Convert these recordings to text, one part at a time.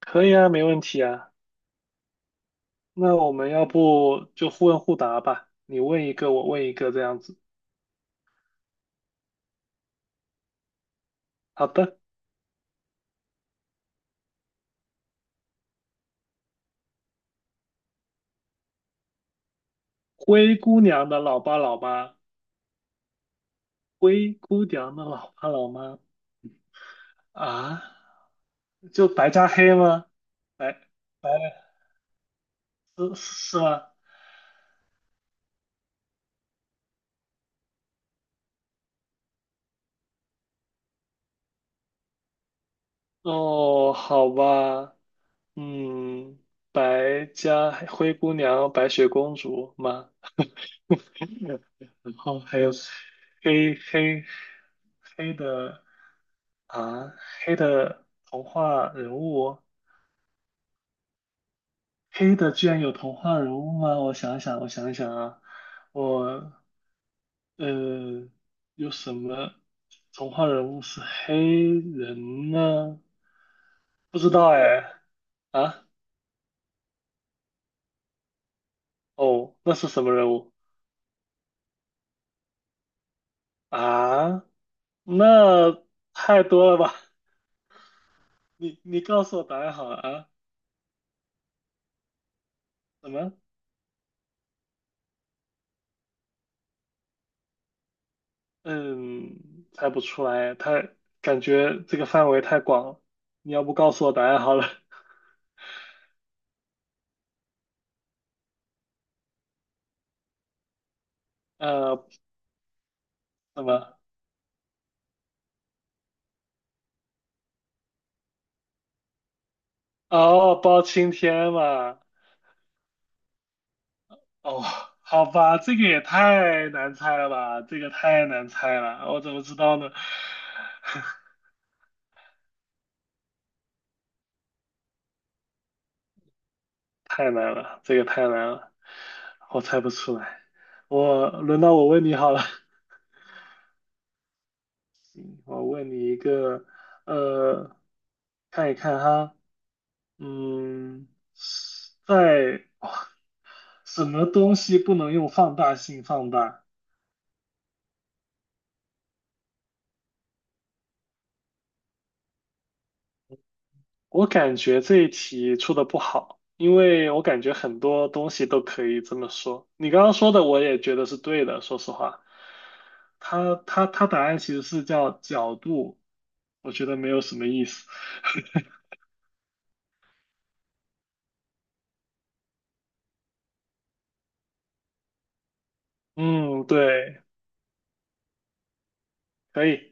可以啊，没问题啊。那我们要不就互问互答吧，你问一个，我问一个，这样子。好的，灰姑娘的老爸老妈，灰姑娘的老爸老妈啊，就白加黑吗？白白是是吗？哦，好吧，嗯，白加黑灰姑娘、白雪公主吗？然后还有黑黑的。啊，黑的童话人物，黑的居然有童话人物吗？我想想，我想想啊，我呃，有什么童话人物是黑人呢？不知道哎，啊，哦，那是什么人物啊？那太多了吧？你告诉我答案好了啊？什么？嗯，猜不出来，感觉这个范围太广了。你要不告诉我答案好了？呃，什么？哦，包青天嘛。哦，好吧，这个也太难猜了吧，这个太难猜了，我怎么知道呢？太难了，这个太难了，我猜不出来。轮到我问你好了，我问你一个，呃，看一看哈，嗯，在，哇什么东西不能用放大镜放大？我感觉这一题出的不好，因为我感觉很多东西都可以这么说。你刚刚说的我也觉得是对的，说实话，它答案其实是叫角度，我觉得没有什么意思。嗯，对，可以。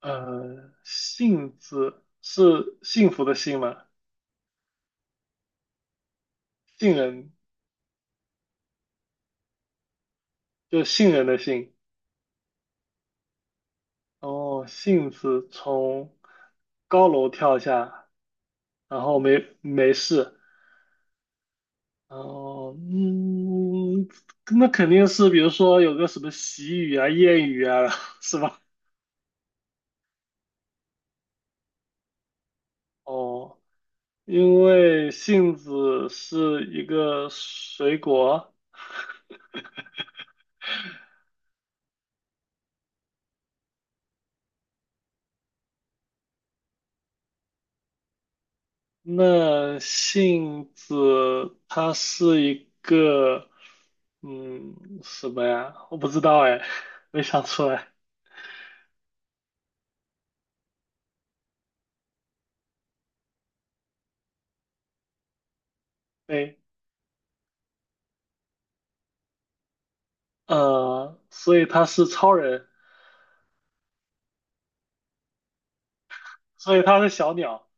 呃，幸字是幸福的幸吗？杏仁就杏仁的杏。哦，杏子从高楼跳下，然后没事。哦，嗯，那肯定是，比如说有个什么习语啊、谚语啊，是吧？哦，因为杏子是一个水果，那杏子它是一个，嗯，什么呀？我不知道哎，没想出来。对，呃，所以它是超人，所以它是小鸟。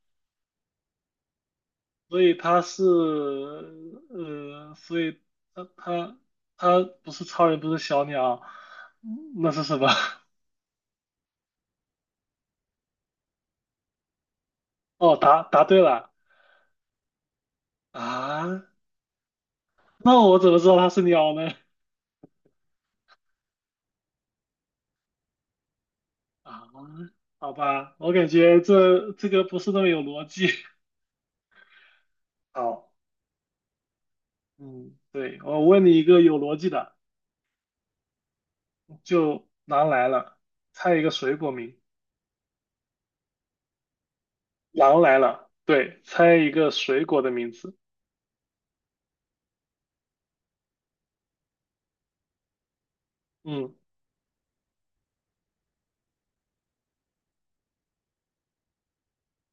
所以他是呃，所以他他不是超人，不是小鸟，嗯那是什么？哦，答对了啊！那我怎么知道他是鸟呢？啊，好吧，我感觉这个不是那么有逻辑。好，嗯，对，我问你一个有逻辑的，就狼来了，猜一个水果名。狼来了，对，猜一个水果的名字。嗯。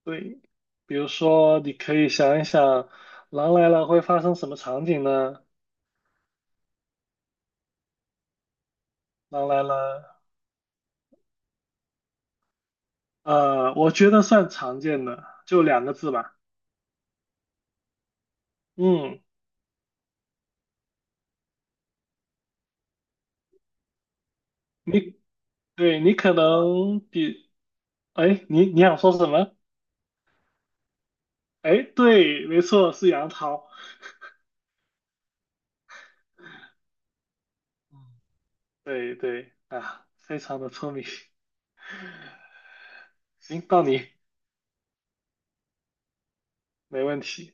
对，比如说，你可以想一想，狼来了会发生什么场景呢？狼来了，呃，我觉得算常见的，就两个字吧。嗯，你，对，你可能比，哎，你想说什么？哎，对，没错，是杨桃。嗯，对对，啊，非常的聪明。行，到你，没问题。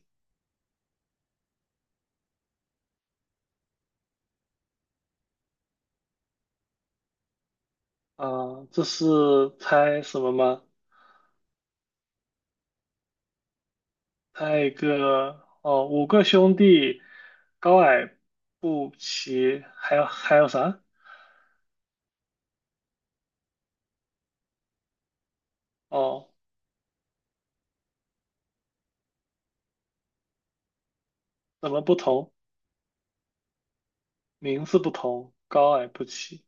啊、这是猜什么吗？一个哦，五个兄弟，高矮不齐，还有还有啥？哦，怎么不同？名字不同，高矮不齐。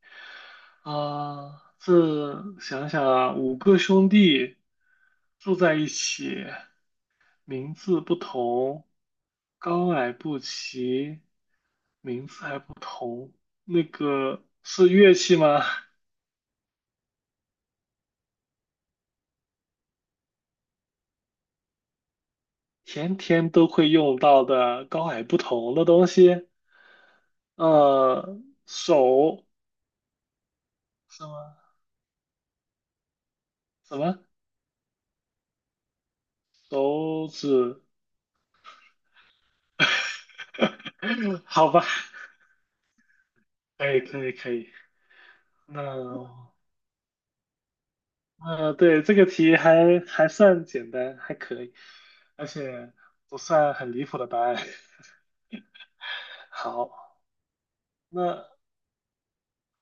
啊、这想想啊，五个兄弟住在一起，名字不同，高矮不齐，名字还不同。那个是乐器吗？天天都会用到的高矮不同的东西。呃，手什么什么手指？好吧，可以可以可以。那 呃，对，这个题还算简单，还可以，而且不算很离谱的答案。好，那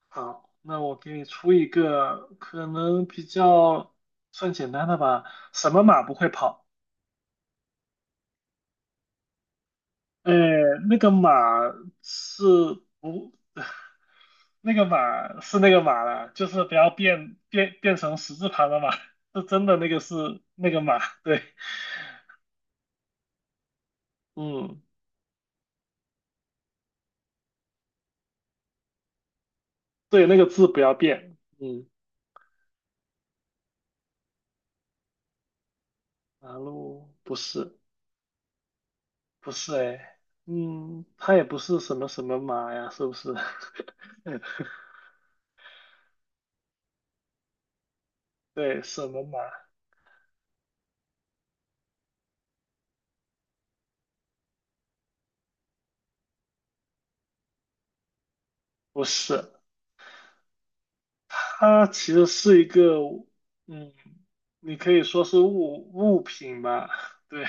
好，那我给你出一个可能比较算简单的吧。什么马不会跑？哎，那个马是不，那个马是那个马了，就是不要变成十字旁的马，是真的那个是那个马，对，嗯，对，那个字不要变，嗯，马路不是哎，嗯，它也不是什么什么马呀，是不是？对，什么马？不是，它其实是一个，嗯，你可以说是物品吧，对。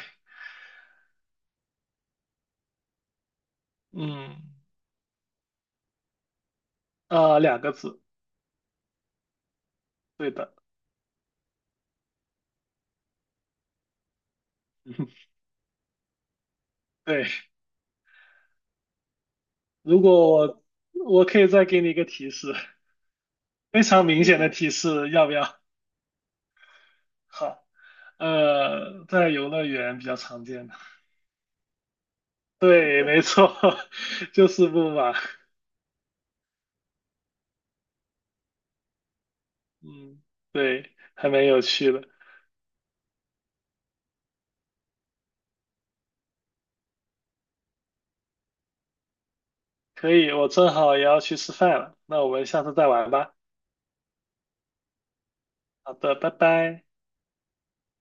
嗯，啊，两个字，对的，对。如果我可以再给你一个提示，非常明显的提示，要不要？好，呃，在游乐园比较常见的，对，没错，就是木马。嗯，对，还蛮有趣的。可以，我正好也要去吃饭了，那我们下次再玩吧。好的，拜拜。